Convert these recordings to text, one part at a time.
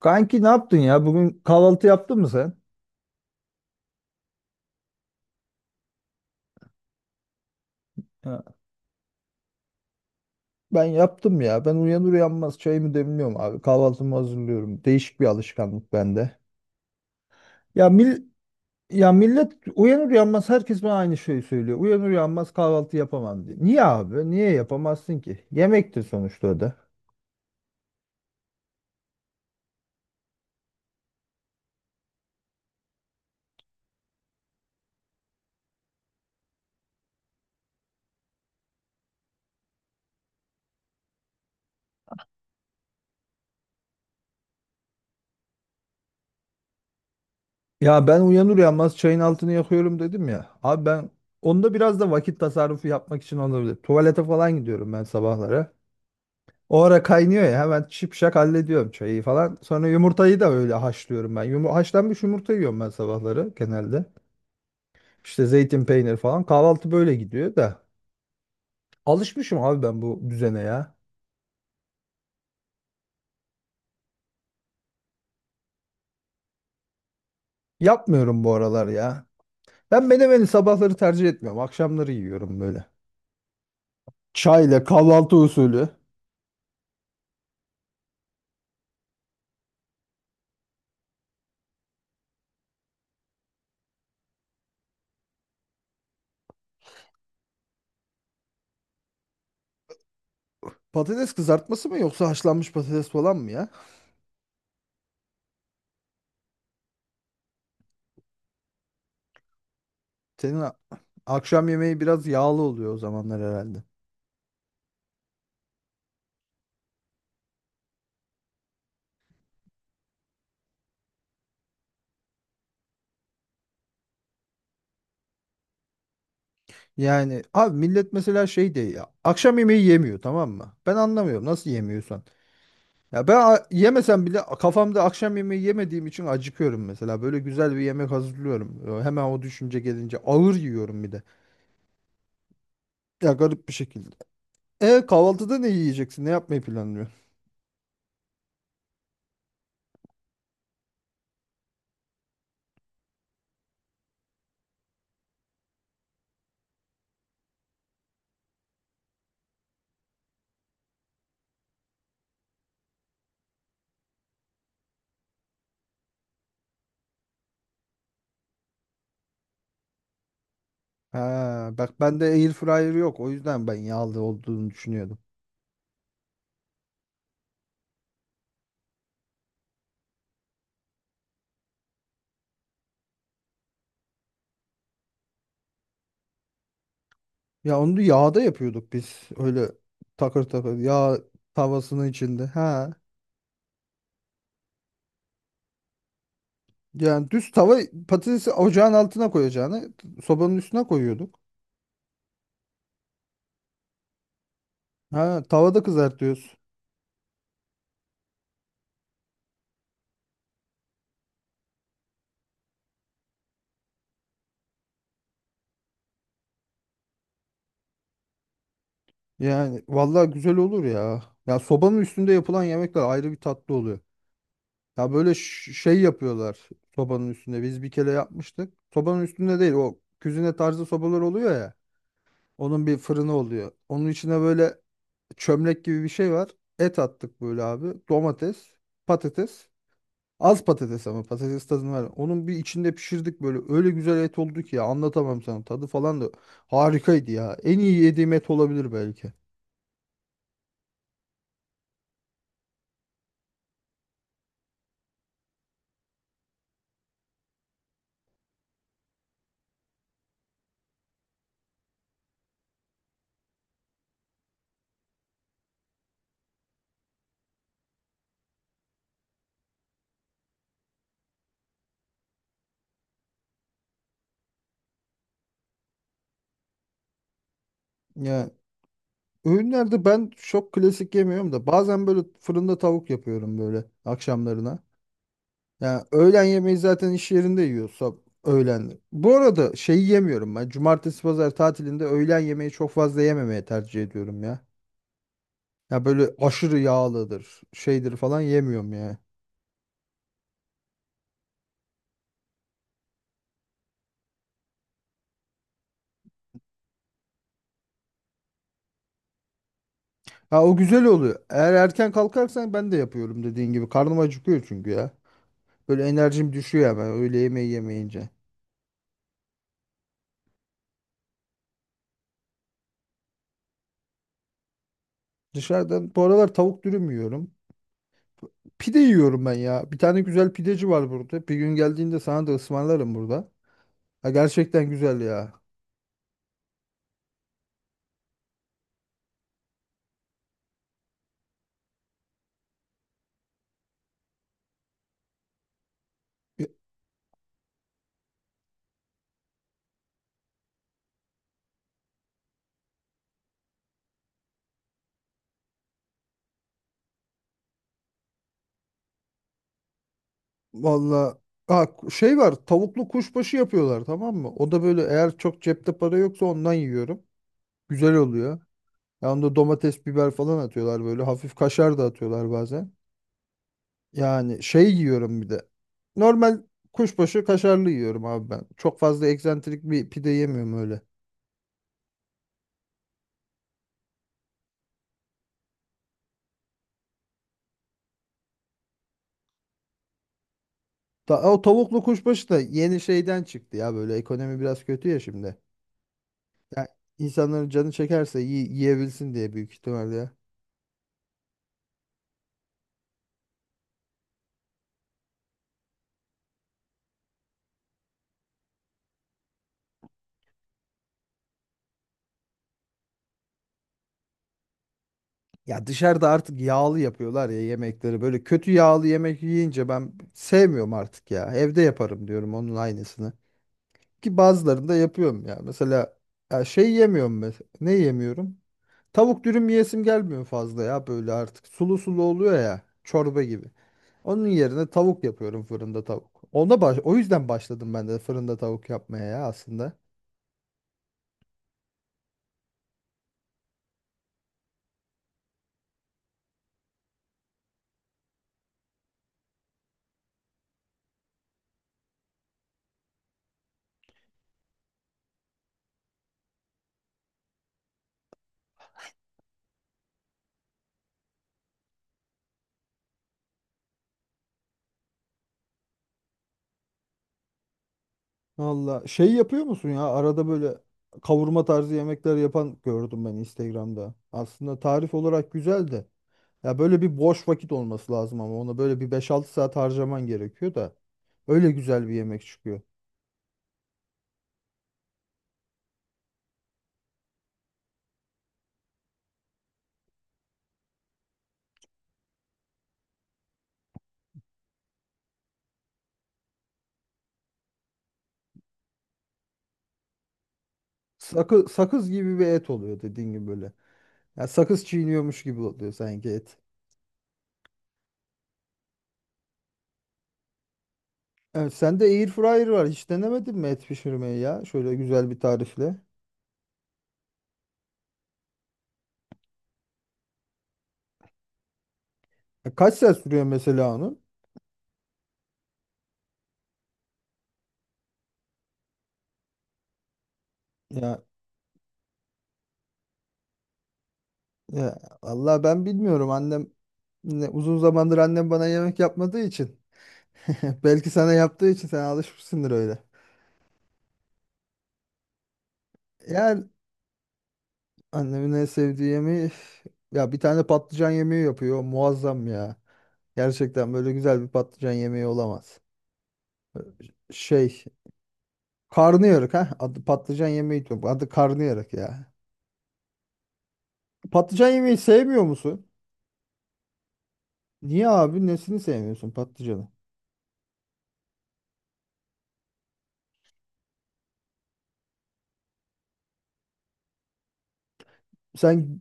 Kanki ne yaptın ya? Bugün kahvaltı yaptın mı sen? Ha, ben yaptım ya. Ben uyanır uyanmaz çayımı demliyorum abi. Kahvaltımı hazırlıyorum. Değişik bir alışkanlık bende. Ya mil Ya millet uyanır uyanmaz herkes bana aynı şeyi söylüyor. Uyanır uyanmaz kahvaltı yapamam diye. Niye abi? Niye yapamazsın ki? Yemektir sonuçta o da. Ya ben uyanır uyanmaz çayın altını yakıyorum dedim ya. Abi ben onda biraz da vakit tasarrufu yapmak için olabilir. Tuvalete falan gidiyorum ben sabahlara. O ara kaynıyor ya, hemen şipşak hallediyorum çayı falan. Sonra yumurtayı da öyle haşlıyorum ben. Haşlanmış yumurta yiyorum ben sabahları genelde. İşte zeytin, peynir falan. Kahvaltı böyle gidiyor da. Alışmışım abi ben bu düzene ya. Yapmıyorum bu aralar ya. Ben menemeni sabahları tercih etmiyorum. Akşamları yiyorum böyle. Çayla kahvaltı usulü. Patates kızartması mı yoksa haşlanmış patates falan mı ya? Senin a- Akşam yemeği biraz yağlı oluyor o zamanlar herhalde. Yani abi millet mesela şey de ya, akşam yemeği yemiyor, tamam mı? Ben anlamıyorum nasıl yemiyorsan. Yemesem bile kafamda akşam yemeği yemediğim için acıkıyorum mesela. Böyle güzel bir yemek hazırlıyorum. Hemen o düşünce gelince ağır yiyorum bir de. Ya garip bir şekilde. E kahvaltıda ne yiyeceksin? Ne yapmayı planlıyorsun? Ha, bak bende air fryer yok. O yüzden ben yağlı olduğunu düşünüyordum. Ya onu da yağda yapıyorduk biz. Öyle takır takır yağ tavasının içinde. Ha. Yani düz tava patatesi ocağın altına koyacağını sobanın üstüne koyuyorduk. Ha, tavada kızartıyoruz. Yani vallahi güzel olur ya. Ya sobanın üstünde yapılan yemekler ayrı bir tatlı oluyor. Ya böyle şey yapıyorlar sobanın üstünde. Biz bir kere yapmıştık. Sobanın üstünde değil, o küzine tarzı sobalar oluyor ya. Onun bir fırını oluyor. Onun içine böyle çömlek gibi bir şey var. Et attık böyle abi. Domates, patates. Az patates ama patates tadını var. Onun bir içinde pişirdik böyle. Öyle güzel et oldu ki ya, anlatamam sana. Tadı falan da harikaydı ya. En iyi yediğim et olabilir belki. Ya öğünlerde ben çok klasik yemiyorum da, bazen böyle fırında tavuk yapıyorum böyle akşamlarına. Ya öğlen yemeği zaten iş yerinde yiyorsam öğlen. Bu arada şeyi yemiyorum ben. Cumartesi pazar tatilinde öğlen yemeği çok fazla yememeye tercih ediyorum ya. Ya böyle aşırı yağlıdır, şeydir falan yemiyorum ya. Ha, o güzel oluyor. Eğer erken kalkarsan ben de yapıyorum dediğin gibi. Karnım acıkıyor çünkü ya. Böyle enerjim düşüyor hemen öğle yemeği yemeyince. Dışarıdan bu aralar tavuk dürüm yiyorum. Pide yiyorum ben ya. Bir tane güzel pideci var burada. Bir gün geldiğinde sana da ısmarlarım burada. Ha, gerçekten güzel ya. Ya, valla ha, şey var, tavuklu kuşbaşı yapıyorlar, tamam mı? O da böyle, eğer çok cepte para yoksa ondan yiyorum. Güzel oluyor. Ya onda domates, biber falan atıyorlar böyle. Hafif kaşar da atıyorlar bazen. Yani şey yiyorum bir de. Normal kuşbaşı kaşarlı yiyorum abi ben. Çok fazla eksantrik bir pide yemiyorum öyle. O tavuklu kuşbaşı da yeni şeyden çıktı ya, böyle ekonomi biraz kötü ya şimdi. Ya insanların canı çekerse yiyebilsin diye büyük ihtimalle ya. Ya dışarıda artık yağlı yapıyorlar ya yemekleri. Böyle kötü yağlı yemek yiyince ben sevmiyorum artık ya. Evde yaparım diyorum onun aynısını. Ki bazılarını da yapıyorum ya. Mesela ya şey yemiyorum mesela. Ne yemiyorum? Tavuk dürüm yiyesim gelmiyor fazla ya böyle artık. Sulu sulu oluyor ya, çorba gibi. Onun yerine tavuk yapıyorum, fırında tavuk. Ona baş O yüzden başladım ben de fırında tavuk yapmaya ya aslında. Valla şey yapıyor musun ya, arada böyle kavurma tarzı yemekler yapan gördüm ben Instagram'da. Aslında tarif olarak güzel de. Ya böyle bir boş vakit olması lazım, ama ona böyle bir beş altı saat harcaman gerekiyor da. Öyle güzel bir yemek çıkıyor. Sakız gibi bir et oluyor dediğin gibi böyle. Ya sakız çiğniyormuş gibi oluyor sanki et. Evet, sende air fryer var. Hiç denemedin mi et pişirmeyi ya? Şöyle güzel bir tarifle. Ya kaç saat sürüyor mesela onun? Ya, ya vallahi ben bilmiyorum. Annem ne, uzun zamandır annem bana yemek yapmadığı için. Belki sana yaptığı için sen alışmışsındır öyle. Yani annemin en sevdiği yemeği üf, ya bir tane patlıcan yemeği yapıyor. Muazzam ya. Gerçekten böyle güzel bir patlıcan yemeği olamaz. Şey Karnıyarık ha. Adı patlıcan yemeği diyor. Adı karnıyarık ya. Patlıcan yemeği sevmiyor musun? Niye abi? Nesini sevmiyorsun patlıcanı? Sen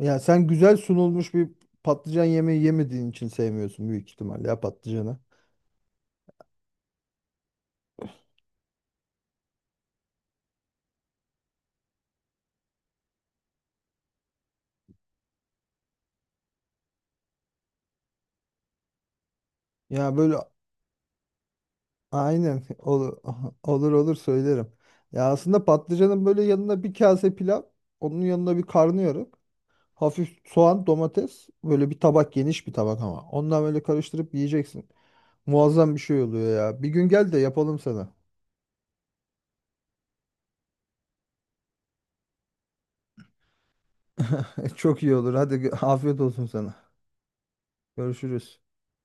sen güzel sunulmuş bir patlıcan yemeği yemediğin için sevmiyorsun büyük ihtimalle ya patlıcanı. Ya böyle aynen olur. Olur, olur, söylerim. Ya aslında patlıcanın böyle yanına bir kase pilav, onun yanına bir karnıyarık, hafif soğan, domates, böyle bir tabak, geniş bir tabak ama. Ondan böyle karıştırıp yiyeceksin. Muazzam bir şey oluyor ya. Bir gün gel de yapalım sana. Çok iyi olur. Hadi afiyet olsun sana. Görüşürüz.